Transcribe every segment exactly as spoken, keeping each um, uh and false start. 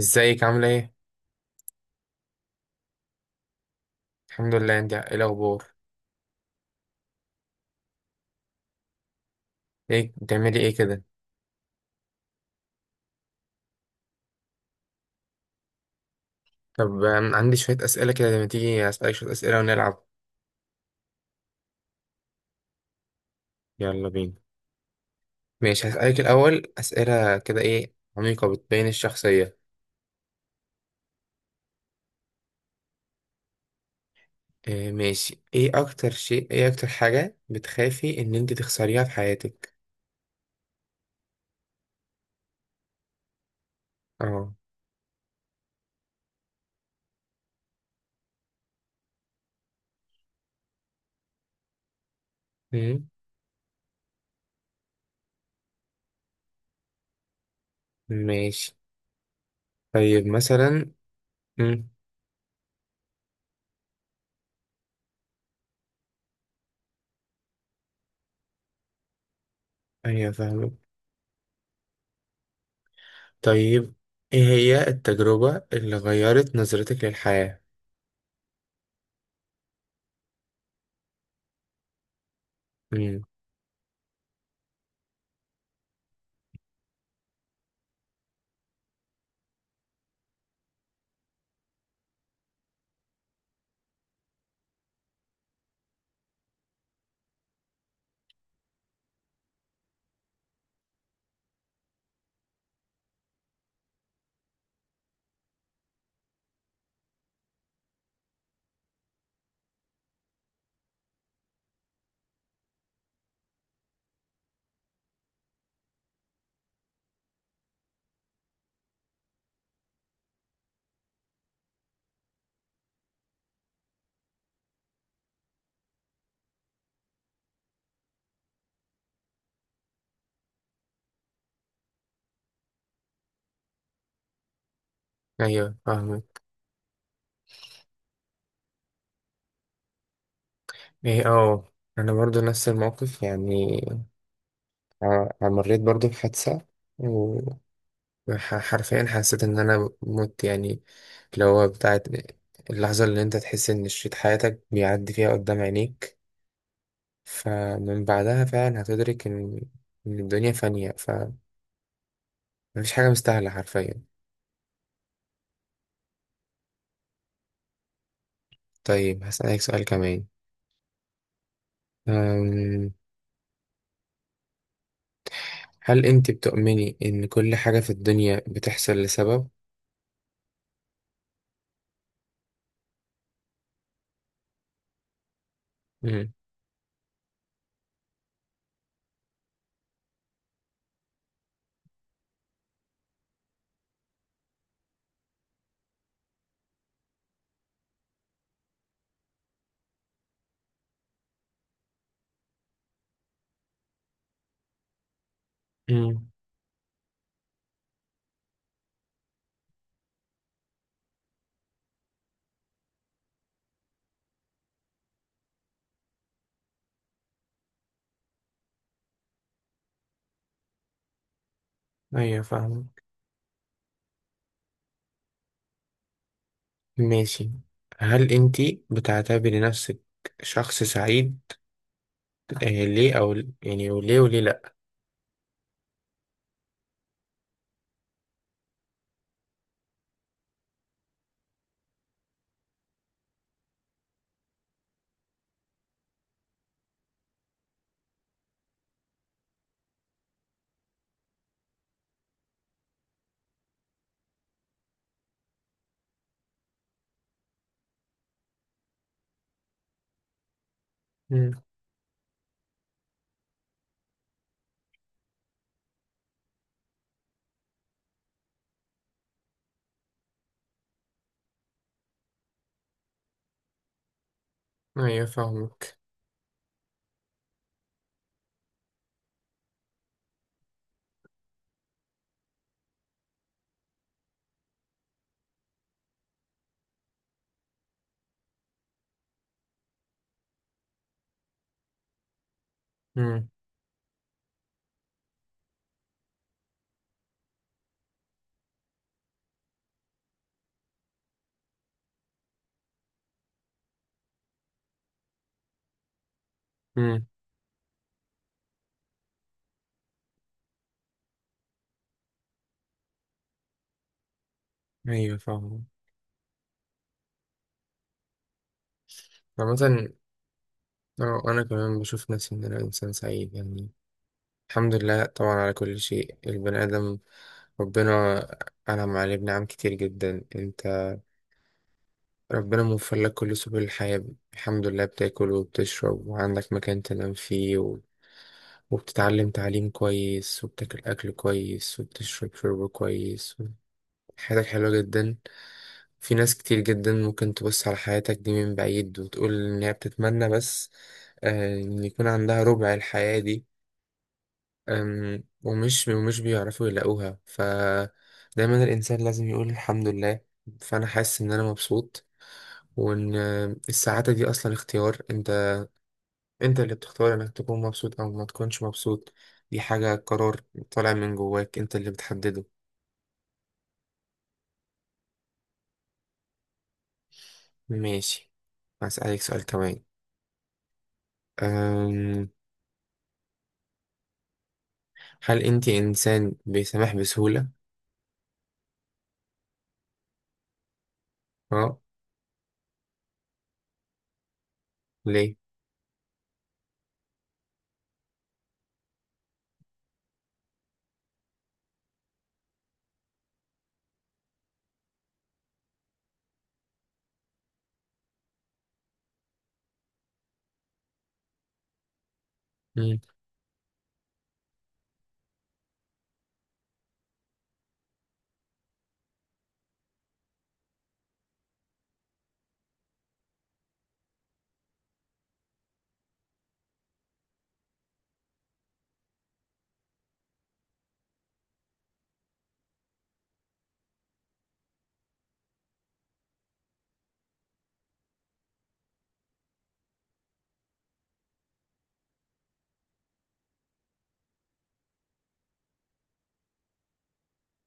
ازيك عاملة ايه؟ الحمد لله، انت ايه الأخبار؟ ايه بتعملي ايه كده؟ طب أم، عندي شوية أسئلة كده لما تيجي أسألك شوية أسئلة ونلعب. يلا بينا. ماشي، هسألك الأول أسئلة كده ايه عميقة بتبين الشخصية. إيه ماشي، ايه أكتر شيء ايه أكتر حاجة بتخافي إن انت تخسريها في حياتك؟ اه. مم، ماشي. طيب مثلا. مم. أيوة فاهمك. طيب، ايه هي التجربة اللي غيرت نظرتك للحياة؟ مم. أيوة فاهمك. ايه، اه، انا برضو نفس الموقف يعني. ع- مريت برضو بحادثة، وحرفيا حسيت ان انا مت يعني. اللي هو بتاعت اللحظة اللي انت تحس ان شريط حياتك بيعدي فيها قدام عينيك. فمن بعدها فعلا هتدرك ان إن الدنيا فانية، فمفيش حاجة مستاهلة حرفيا. طيب، هسألك سؤال كمان. أم، هل انت بتؤمني ان كل حاجة في الدنيا بتحصل لسبب؟ مم. مم. ايوه فاهم. ماشي، هل انتي بتعتبري نفسك شخص سعيد، آه ليه او يعني، وليه وليه لا؟ مم. ايوه فاهمك. مم. مم. ايوه فاهمك. عامة، اه انا كمان بشوف نفسي ان انا انسان سعيد يعني، الحمد لله طبعا على كل شيء. البني ادم ربنا انعم عليه بنعم كتير جدا. انت ربنا موفر لك كل سبل الحياة الحمد لله، بتاكل وبتشرب وعندك مكان تنام فيه، وبتتعلم تعليم كويس وبتاكل أكل كويس وبتشرب شرب كويس. حياتك حلوة جدا. في ناس كتير جدا ممكن تبص على حياتك دي من بعيد وتقول إن هي بتتمنى بس آه، إن يكون عندها ربع الحياة دي. أم، ومش ومش بيعرفوا يلاقوها، فدايما الإنسان لازم يقول الحمد لله. فأنا حاسس إن أنا مبسوط، وإن آه، السعادة دي أصلا اختيار. أنت انت اللي بتختار انك تكون مبسوط او ما تكونش مبسوط. دي حاجة قرار طالع من جواك، انت اللي بتحدده. ماشي، هسألك سؤال كمان. أم... هل انت انسان بيسامح بسهولة؟ اه ليه؟ مم.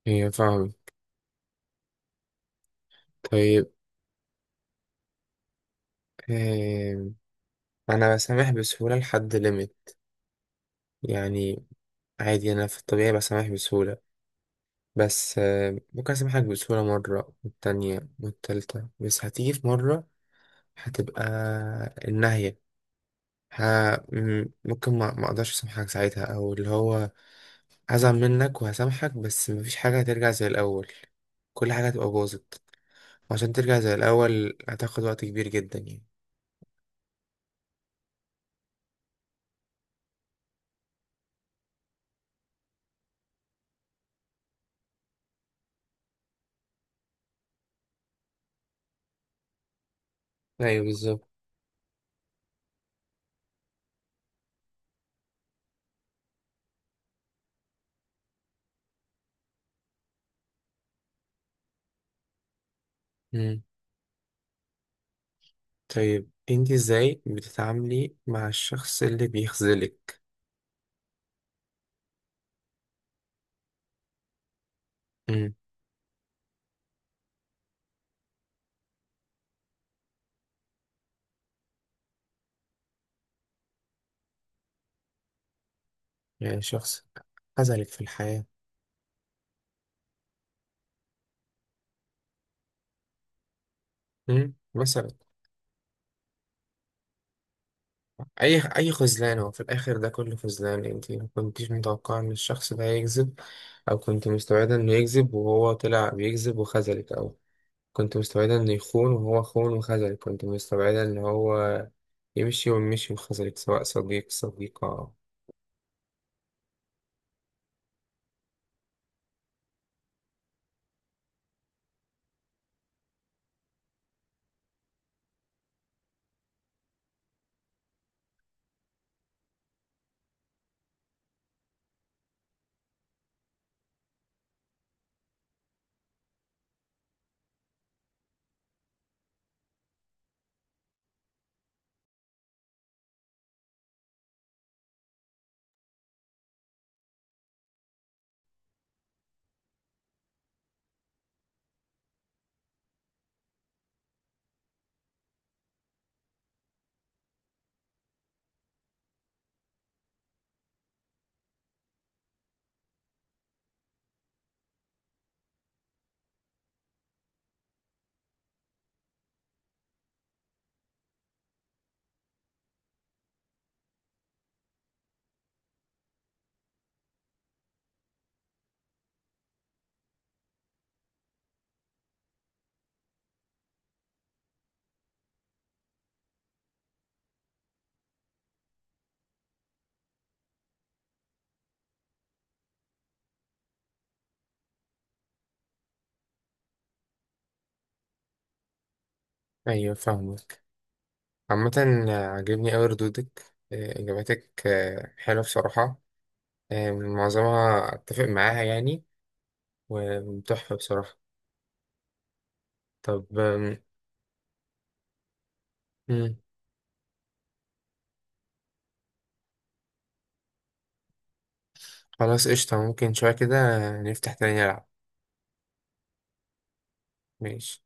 هي فاهم. طيب، أم... انا بسامح بسهولة لحد ليميت يعني. عادي انا في الطبيعي بسامح بسهولة، بس أم، ممكن اسامحك بسهولة مرة والتانية والتالتة، بس هتيجي في مرة هتبقى النهاية. ها، م- ممكن ما ما اقدرش اسامحك ساعتها، او اللي هو هزعل منك وهسامحك بس مفيش حاجه هترجع زي الاول. كل حاجه هتبقى باظت، وعشان ترجع زي الاول هتاخد وقت كبير جدا يعني. ايوه بالظبط. مم. طيب، انت ازاي بتتعاملي مع الشخص اللي بيخذلك؟ مم. يعني شخص خذلك في الحياه. مم. مثلا اي اي خذلان هو في الاخر ده كله خذلان، انت ما كنتيش متوقعه ان الشخص ده هيكذب، او كنت مستعده انه يكذب وهو طلع بيكذب وخذلك، او كنت مستعده انه يخون وهو خون وخذلك، كنت مستعده ان هو يمشي ومشي وخذلك، سواء صديق صديقة. ايوه فاهمك. عامة، عجبني اوي ردودك، آه، اجاباتك آه، حلوة بصراحة، آه، معظمها اتفق معاها يعني، وتحفة بصراحة. طب آم، خلاص قشطة، ممكن شوية كده نفتح تاني نلعب. ماشي